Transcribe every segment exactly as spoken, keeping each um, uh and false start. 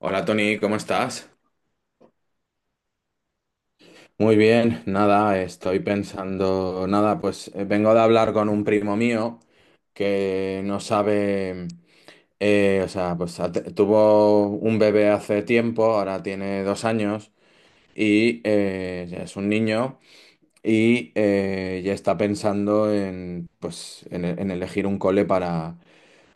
Hola Tony, ¿cómo estás? Muy bien, nada, estoy pensando, nada, pues eh, vengo de hablar con un primo mío que no sabe, eh, o sea, pues ha- tuvo un bebé hace tiempo, ahora tiene dos años y eh, ya es un niño y eh, ya está pensando en, pues, en, en elegir un cole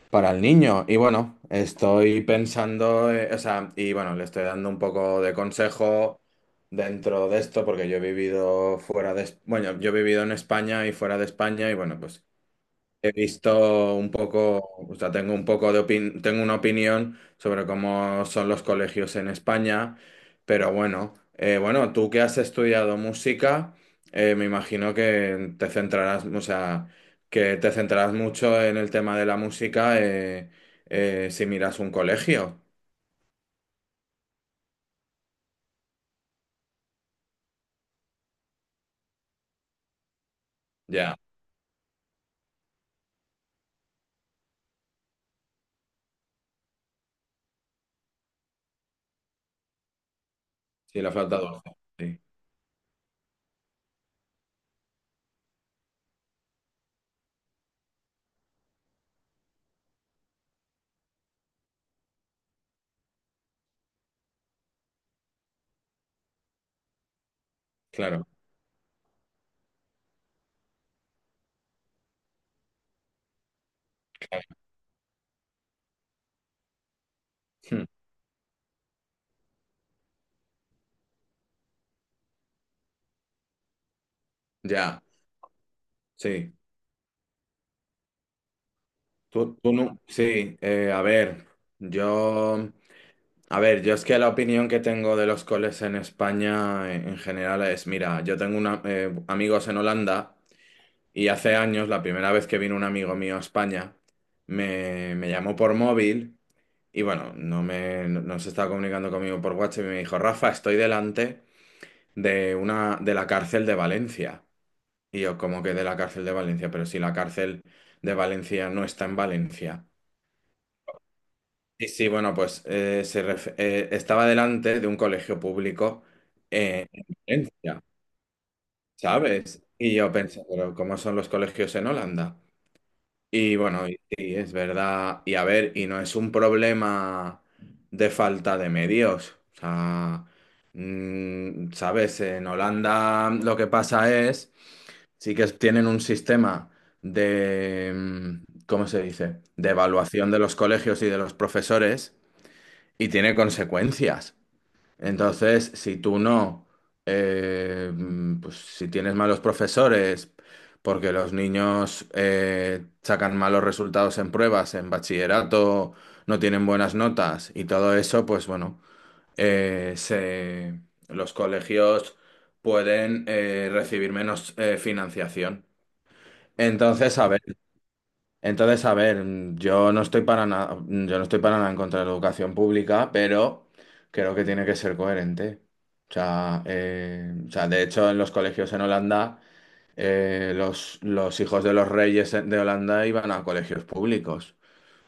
para el niño. Y bueno, estoy pensando, eh, o sea, y bueno, le estoy dando un poco de consejo dentro de esto, porque yo he vivido fuera de, Es- bueno, yo he vivido en España y fuera de España, y bueno, pues he visto un poco. O sea, tengo un poco de opin- tengo una opinión sobre cómo son los colegios en España, pero bueno, eh, bueno, tú que has estudiado música, eh, me imagino que te centrarás, o sea, que te centrarás mucho en el tema de la música, eh, eh, si miras un colegio. Ya, sí, la flauta dulce. Sí, claro. Claro. Hmm. Ya, sí. Tú, tú no, sí, eh, a ver, yo. A ver, yo es que la opinión que tengo de los coles en España, eh, en general, es, mira, yo tengo una- eh, amigos en Holanda, y hace años, la primera vez que vino un amigo mío a España, me, me llamó por móvil, y bueno, no, me, no, no se estaba comunicando conmigo por WhatsApp, y me dijo, Rafa, estoy delante de, una, de la cárcel de Valencia. Y yo, como que de la cárcel de Valencia? Pero si la cárcel de Valencia no está en Valencia. Sí, sí, bueno, pues eh, se ref- eh, estaba delante de un colegio público, eh, en Valencia, ¿sabes? Y yo pensé, pero ¿cómo son los colegios en Holanda? Y bueno, y sí, es verdad. Y a ver, y no es un problema de falta de medios. O sea, mm, ¿sabes? En Holanda lo que pasa es, sí que tienen un sistema de, mm, ¿cómo se dice? De evaluación de los colegios y de los profesores, y tiene consecuencias. Entonces, si tú no, eh, mm, pues si tienes malos profesores, porque los niños eh, sacan malos resultados en pruebas, en bachillerato, no tienen buenas notas y todo eso, pues bueno, eh, se- los colegios pueden, eh, recibir menos, eh, financiación. Entonces, a ver. Entonces, a ver, yo no estoy para nada, yo no estoy para nada en contra de la educación pública, pero creo que tiene que ser coherente. O sea, eh, o sea, de hecho, en los colegios en Holanda, eh, los, los hijos de los reyes de Holanda iban a colegios públicos.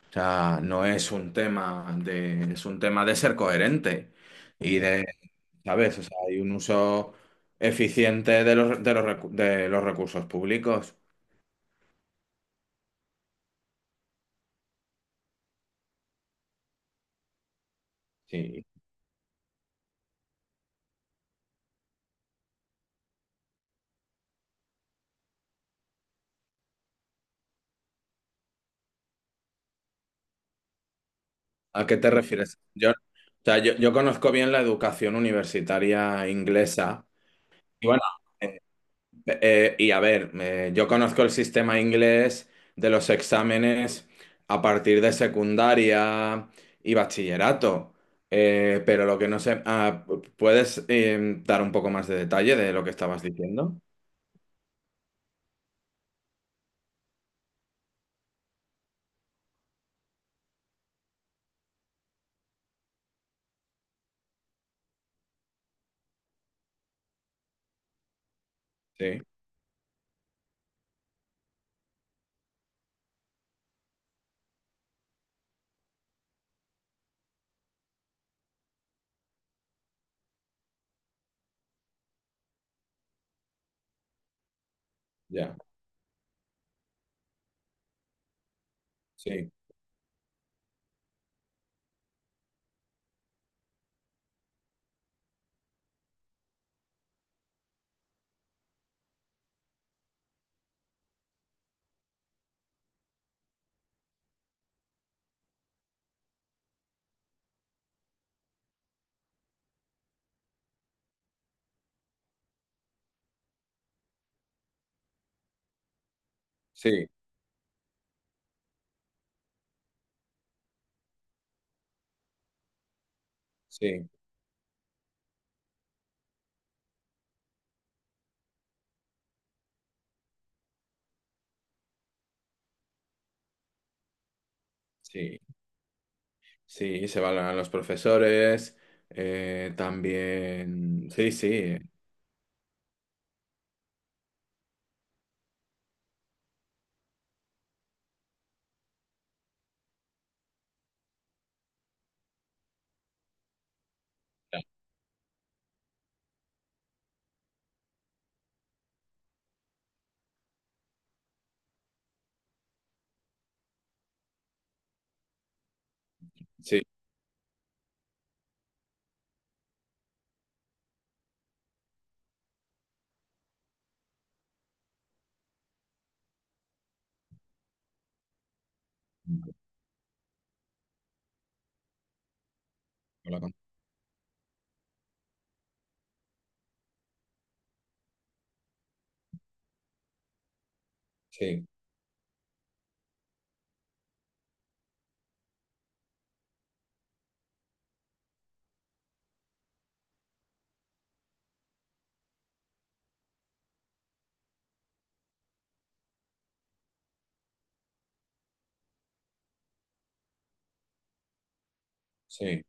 O sea, no es un tema de, es un tema de ser coherente y de, ¿sabes? O sea, hay un uso eficiente de los, de los, recu- de los recursos públicos. Sí, ¿a qué te refieres? Yo, o sea, yo, yo conozco bien la educación universitaria inglesa. Y bueno, eh, eh, y a ver, eh, yo conozco el sistema inglés de los exámenes a partir de secundaria y bachillerato. Eh, pero lo que no sé, ah, ¿puedes, eh, dar un poco más de detalle de lo que estabas diciendo? Sí, ya, sí, sí, sí, sí. Sí, se valoran los profesores, eh, también... Sí, sí, eh, sí. Hola, con- sí, sí,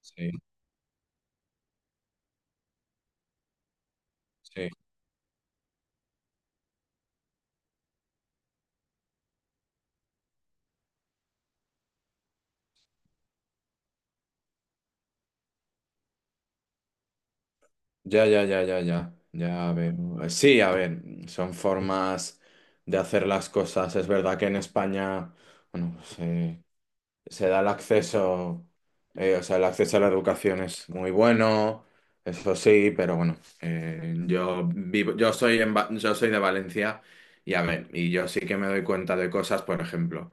sí, sí. Ya, ya, ya, ya, ya. Ya veo. Eh, Sí, a ver, son formas de hacer las cosas. Es verdad que en España, bueno, pues, eh, se da el acceso, eh, o sea, el acceso a la educación es muy bueno, eso sí, pero bueno, eh, yo vivo, yo soy en Va- yo soy de Valencia. Y a ver, y yo sí que me doy cuenta de cosas, por ejemplo,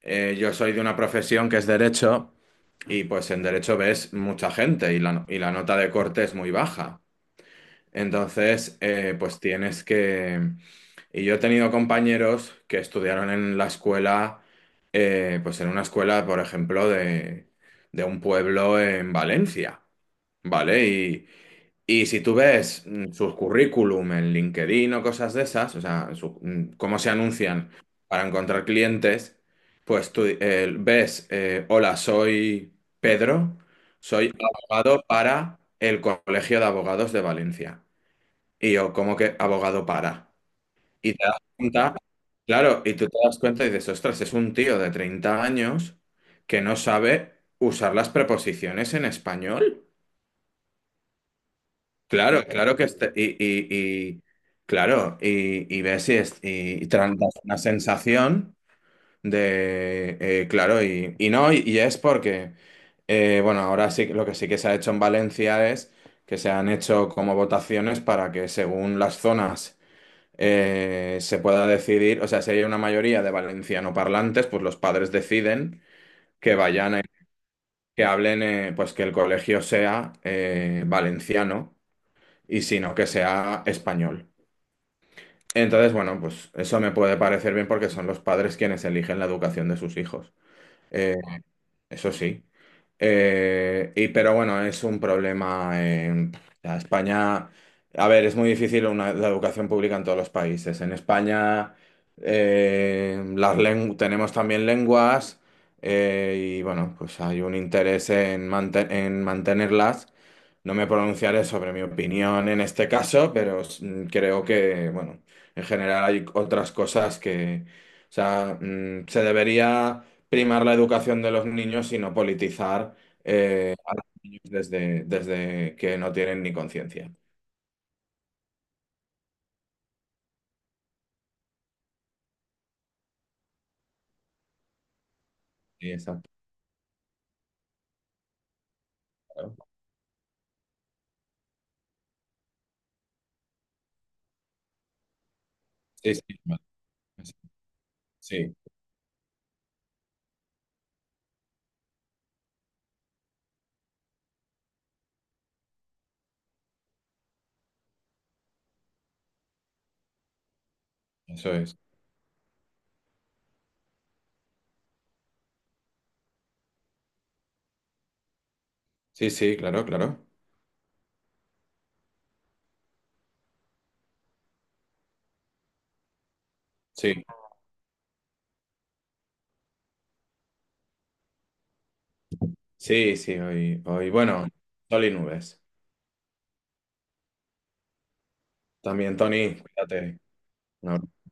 eh, yo soy de una profesión que es derecho, y pues en derecho ves mucha gente, y la, y la nota de corte es muy baja. Entonces, eh, pues tienes que y yo he tenido compañeros que estudiaron en la escuela, eh, pues en una escuela, por ejemplo, de, de un pueblo en Valencia, ¿vale? Y, y si tú ves, mm, sus currículum en LinkedIn o cosas de esas, o sea, su- mm, cómo se anuncian para encontrar clientes, pues tú, eh, ves, eh, hola, soy Pedro, soy abogado para el Colegio de Abogados de Valencia. Y yo, ¿cómo que abogado para? Y te das cuenta, claro, y tú te das cuenta y dices, ostras, es un tío de treinta años que no sabe usar las preposiciones en español. Claro, claro que este- y, y, y- claro, y, y ves y, es- y, y te dan una sensación de, eh, claro, y, y no, y, y es porque, eh, bueno, ahora sí, que- lo que sí que se ha hecho en Valencia es que se han hecho como votaciones para que, según las zonas, eh, se pueda decidir. O sea, si hay una mayoría de valenciano parlantes, pues los padres deciden que vayan, a- que hablen, eh, pues que el colegio sea, eh, valenciano, y si no, que sea español. Entonces, bueno, pues eso me puede parecer bien porque son los padres quienes eligen la educación de sus hijos. Eh, Eso sí. Eh, y pero bueno, es un problema en la España. A ver, es muy difícil una, la educación pública en todos los países. En España, eh, las lengu- tenemos también lenguas, eh, y bueno, pues hay un interés en, mante- en mantenerlas. No me pronunciaré sobre mi opinión en este caso, pero mm, creo que, bueno, en general hay otras cosas que, o sea, mm, se debería primar la educación de los niños y no politizar, eh, a los niños desde, desde que no tienen ni conciencia. Sí, exacto. Claro. Sí, sí, vale. Sí, eso es. Sí, sí, claro, claro. Sí, sí, sí, hoy, hoy, bueno, sol y nubes. También, Tony, cuídate. Un abrazo.